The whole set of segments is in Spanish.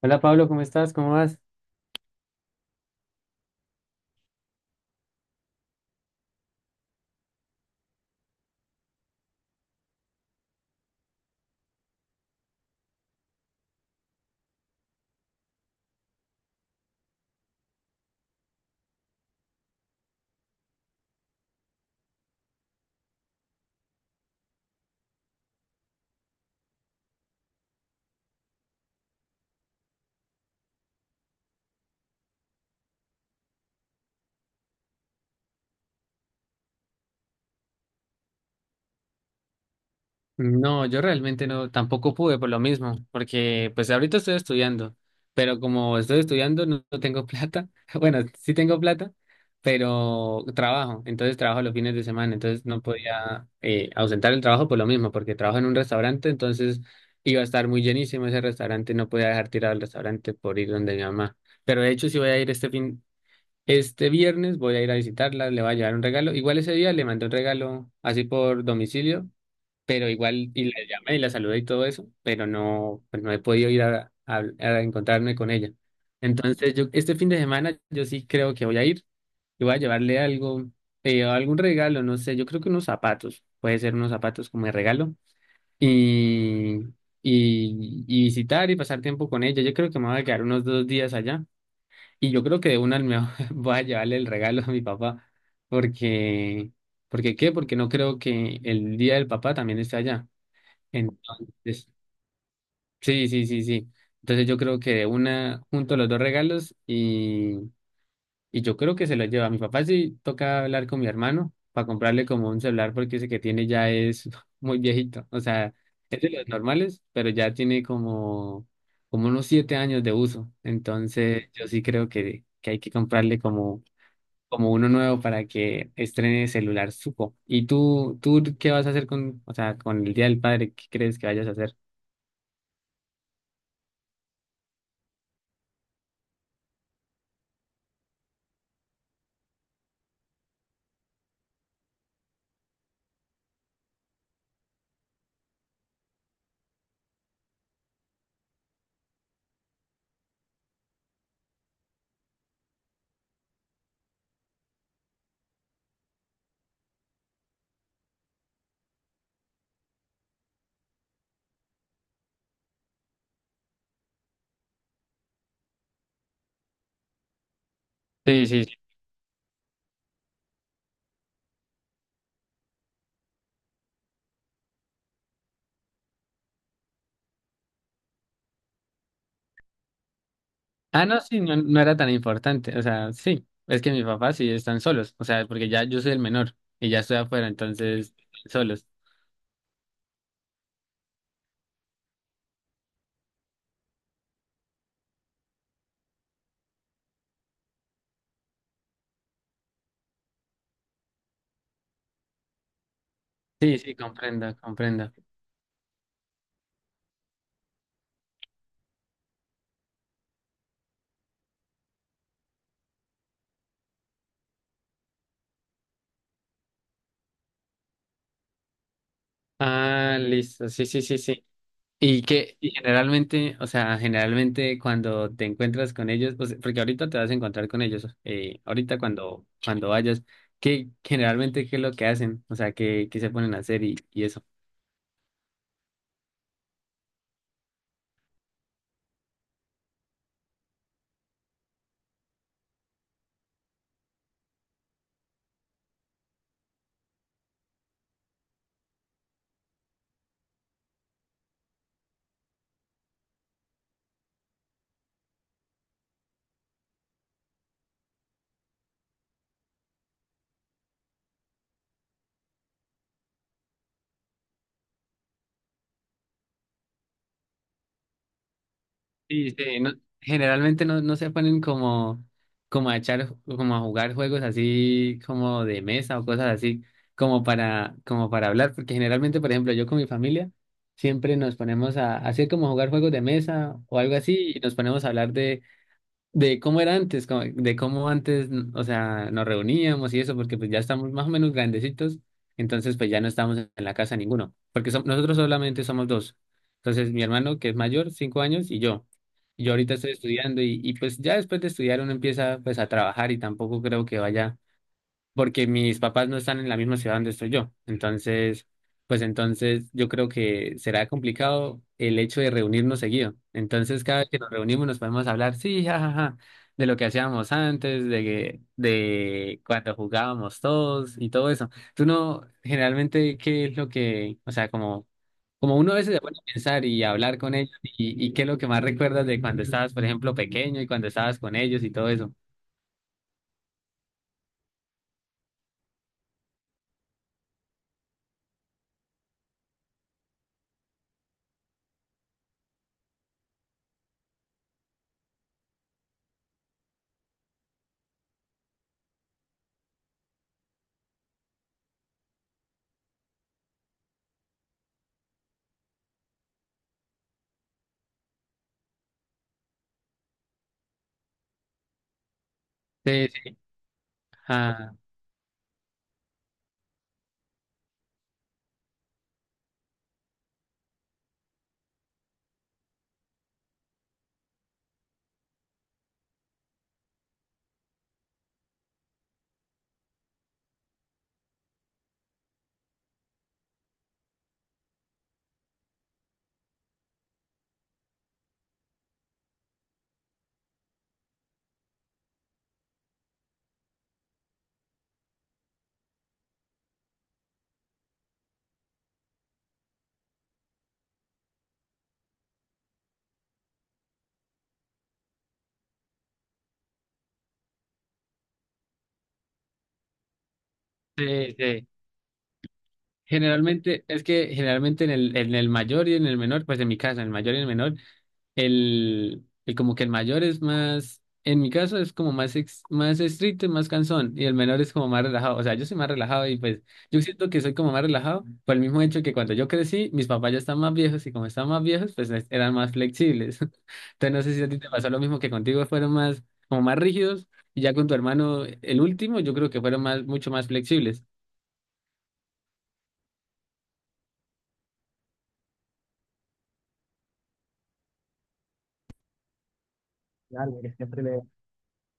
Hola Pablo, ¿cómo estás? ¿Cómo vas? No, yo realmente no, tampoco pude por lo mismo, porque pues ahorita estoy estudiando, pero como estoy estudiando no tengo plata, bueno, sí tengo plata, pero trabajo, entonces trabajo los fines de semana, entonces no podía ausentar el trabajo por lo mismo, porque trabajo en un restaurante, entonces iba a estar muy llenísimo ese restaurante, no podía dejar tirado el restaurante por ir donde mi mamá, pero de hecho sí voy a ir este fin. Este viernes voy a ir a visitarla, le voy a llevar un regalo. Igual ese día le mandé un regalo así por domicilio, pero igual y la llamé y la saludé y todo eso, pero no, pues no he podido ir a encontrarme con ella. Entonces yo este fin de semana yo sí creo que voy a ir y voy a llevarle algo, algún regalo, no sé, yo creo que unos zapatos, puede ser unos zapatos como de regalo y, y visitar y pasar tiempo con ella. Yo creo que me voy a quedar unos 2 días allá. Y yo creo que de una me voy a llevarle el regalo a mi papá, porque, porque ¿qué? Porque no creo que el día del papá también esté allá. Entonces, sí, sí, sí, sí. Entonces yo creo que de una junto los dos regalos y yo creo que se lo lleva. A mi papá sí toca hablar con mi hermano para comprarle como un celular porque ese que tiene ya es muy viejito. O sea, es de los normales, pero ya tiene como, unos 7 años de uso. Entonces yo sí creo que hay que comprarle como uno nuevo para que estrene celular Suco. ¿Y tú qué vas a hacer con, o sea, con el Día del Padre? ¿Qué crees que vayas a hacer? Sí, sí, sí. Ah, no, sí, no era tan importante. O sea, sí, es que mis papás sí están solos. O sea, porque ya yo soy el menor y ya estoy afuera, entonces solos. Sí, sí, comprendo, comprendo. Ah, listo, sí, sí, sí, sí. Y generalmente, o sea, generalmente cuando te encuentras con ellos, pues, porque ahorita te vas a encontrar con ellos, ahorita cuando vayas, ¿qué generalmente qué es lo que hacen? O sea, ¿qué se ponen a hacer y eso? Sí, sí, generalmente no se ponen como, como a echar, como a jugar juegos así como de mesa o cosas así, como para hablar, porque generalmente, por ejemplo, yo con mi familia siempre nos ponemos a hacer como jugar juegos de mesa o algo así y nos ponemos a hablar de cómo era antes, de cómo antes, o sea, nos reuníamos y eso, porque pues ya estamos más o menos grandecitos, entonces pues ya no estamos en la casa ninguno, porque nosotros solamente somos dos. Entonces mi hermano, que es mayor, 5 años, y yo. Yo ahorita estoy estudiando y pues ya después de estudiar uno empieza pues a trabajar y tampoco creo que vaya porque mis papás no están en la misma ciudad donde estoy yo. Entonces, pues entonces yo creo que será complicado el hecho de reunirnos seguido. Entonces, cada vez que nos reunimos nos podemos hablar, sí, jajaja, de lo que hacíamos antes, de cuando jugábamos todos y todo eso. Tú no, generalmente, ¿qué es lo que, o sea, como uno a veces se pone a pensar y hablar con ellos y qué es lo que más recuerdas de cuando estabas, por ejemplo, pequeño y cuando estabas con ellos y todo eso? Sí, sí. Ah, sí, sí. Generalmente, es que generalmente en el, mayor y en el menor, pues en mi caso, en el mayor y en el menor, el como que el mayor es más, en mi caso es como más, más estricto y más cansón, y el menor es como más relajado. O sea, yo soy más relajado y pues yo siento que soy como más relajado por el mismo hecho que cuando yo crecí, mis papás ya están más viejos y como están más viejos, pues eran más flexibles. Entonces no sé si a ti te pasó lo mismo que contigo, fueron más, como más rígidos, y ya con tu hermano, el último, yo creo que fueron más, mucho más flexibles.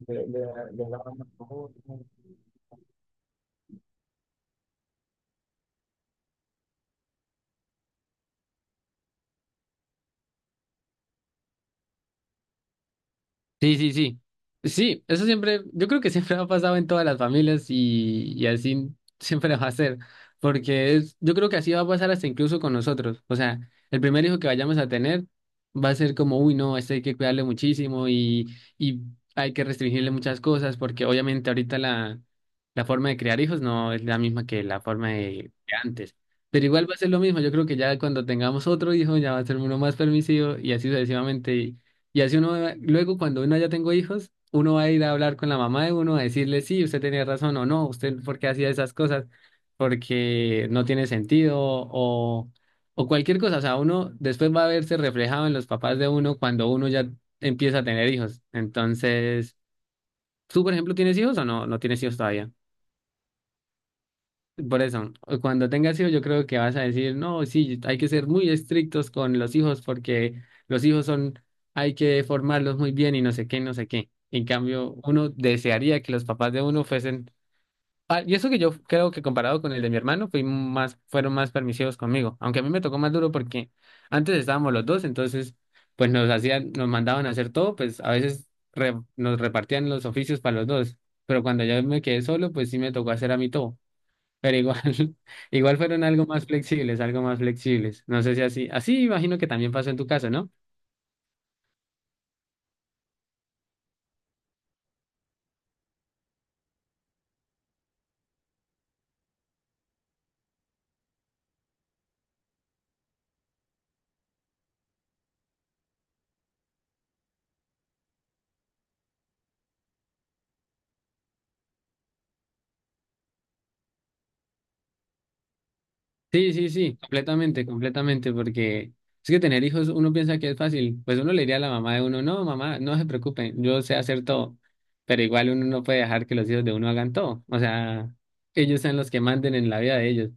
De, de, de la Sí, sí, sí. Sí, eso siempre, yo creo que siempre ha pasado en todas las familias y así siempre va a ser, porque es, yo creo que así va a pasar hasta incluso con nosotros. O sea, el primer hijo que vayamos a tener va a ser como, uy, no, este hay que cuidarle muchísimo y hay que restringirle muchas cosas, porque obviamente ahorita la, forma de criar hijos no es la misma que la forma de antes. Pero igual va a ser lo mismo, yo creo que ya cuando tengamos otro hijo ya va a ser uno más permisivo y así sucesivamente y así uno, luego cuando uno ya tengo hijos, uno va a ir a hablar con la mamá de uno, a decirle, sí, usted tenía razón o no, usted por qué hacía esas cosas, porque no tiene sentido o cualquier cosa. O sea, uno después va a verse reflejado en los papás de uno cuando uno ya empieza a tener hijos. Entonces, ¿tú, por ejemplo, tienes hijos o no tienes hijos todavía? Por eso, cuando tengas hijos, yo creo que vas a decir, no, sí, hay que ser muy estrictos con los hijos porque los hijos son, hay que formarlos muy bien y no sé qué, no sé qué. En cambio, uno desearía que los papás de uno fuesen, ah, y eso que yo creo que comparado con el de mi hermano, fui más, fueron más permisivos conmigo, aunque a mí me tocó más duro porque antes estábamos los dos, entonces, pues nos hacían, nos mandaban a hacer todo, pues a veces nos repartían los oficios para los dos, pero cuando yo me quedé solo, pues sí me tocó hacer a mí todo. Pero igual, igual fueron algo más flexibles, algo más flexibles. No sé si así, así imagino que también pasó en tu casa, ¿no? Sí, sí, sí, completamente, completamente, porque es que tener hijos uno piensa que es fácil. Pues uno le diría a la mamá de uno, no, mamá, no se preocupe, yo sé hacer todo. Pero igual uno no puede dejar que los hijos de uno hagan todo. O sea, ellos sean los que manden en la vida de ellos.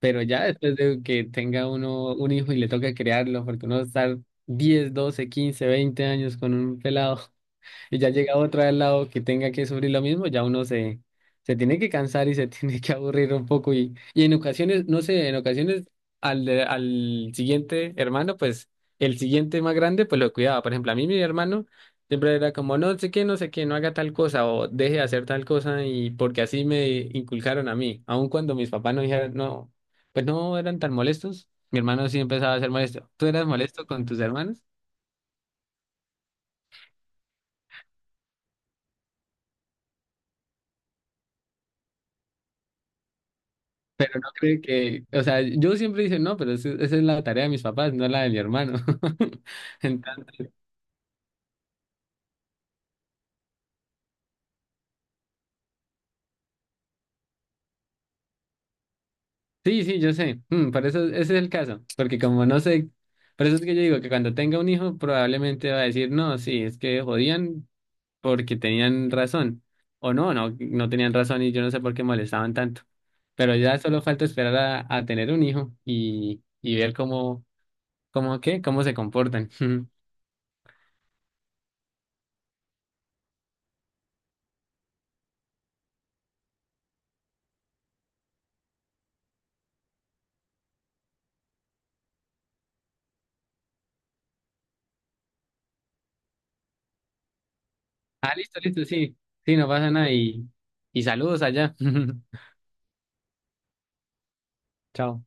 Pero ya después de que tenga uno un hijo y le toca criarlo, porque uno va a estar 10 12 15 20 años con un pelado. Y ya llega otra al lado que tenga que sufrir lo mismo, ya uno se, tiene que cansar y se tiene que aburrir un poco. Y en ocasiones, no sé, en ocasiones al siguiente hermano, pues el siguiente más grande, pues lo cuidaba. Por ejemplo, a mí mi hermano siempre era como, no sé qué, no sé qué, no haga tal cosa o deje de hacer tal cosa y porque así me inculcaron a mí, aun cuando mis papás no dijeron, no, pues no eran tan molestos. Mi hermano sí empezaba a ser molesto. ¿Tú eras molesto con tus hermanos? Sí, que, o sea, yo siempre dije, no, pero esa es la tarea de mis papás, no la de mi hermano. Entonces, sí, sí, yo sé. Por eso ese es el caso, porque como no sé, por eso es que yo digo que cuando tenga un hijo probablemente va a decir, no, sí, es que jodían porque tenían razón, o no, no, no tenían razón y yo no sé por qué molestaban tanto, pero ya solo falta esperar a tener un hijo y ver cómo se comportan. Ah, listo, listo, sí, sí, no pasa nada y saludos allá. Chao.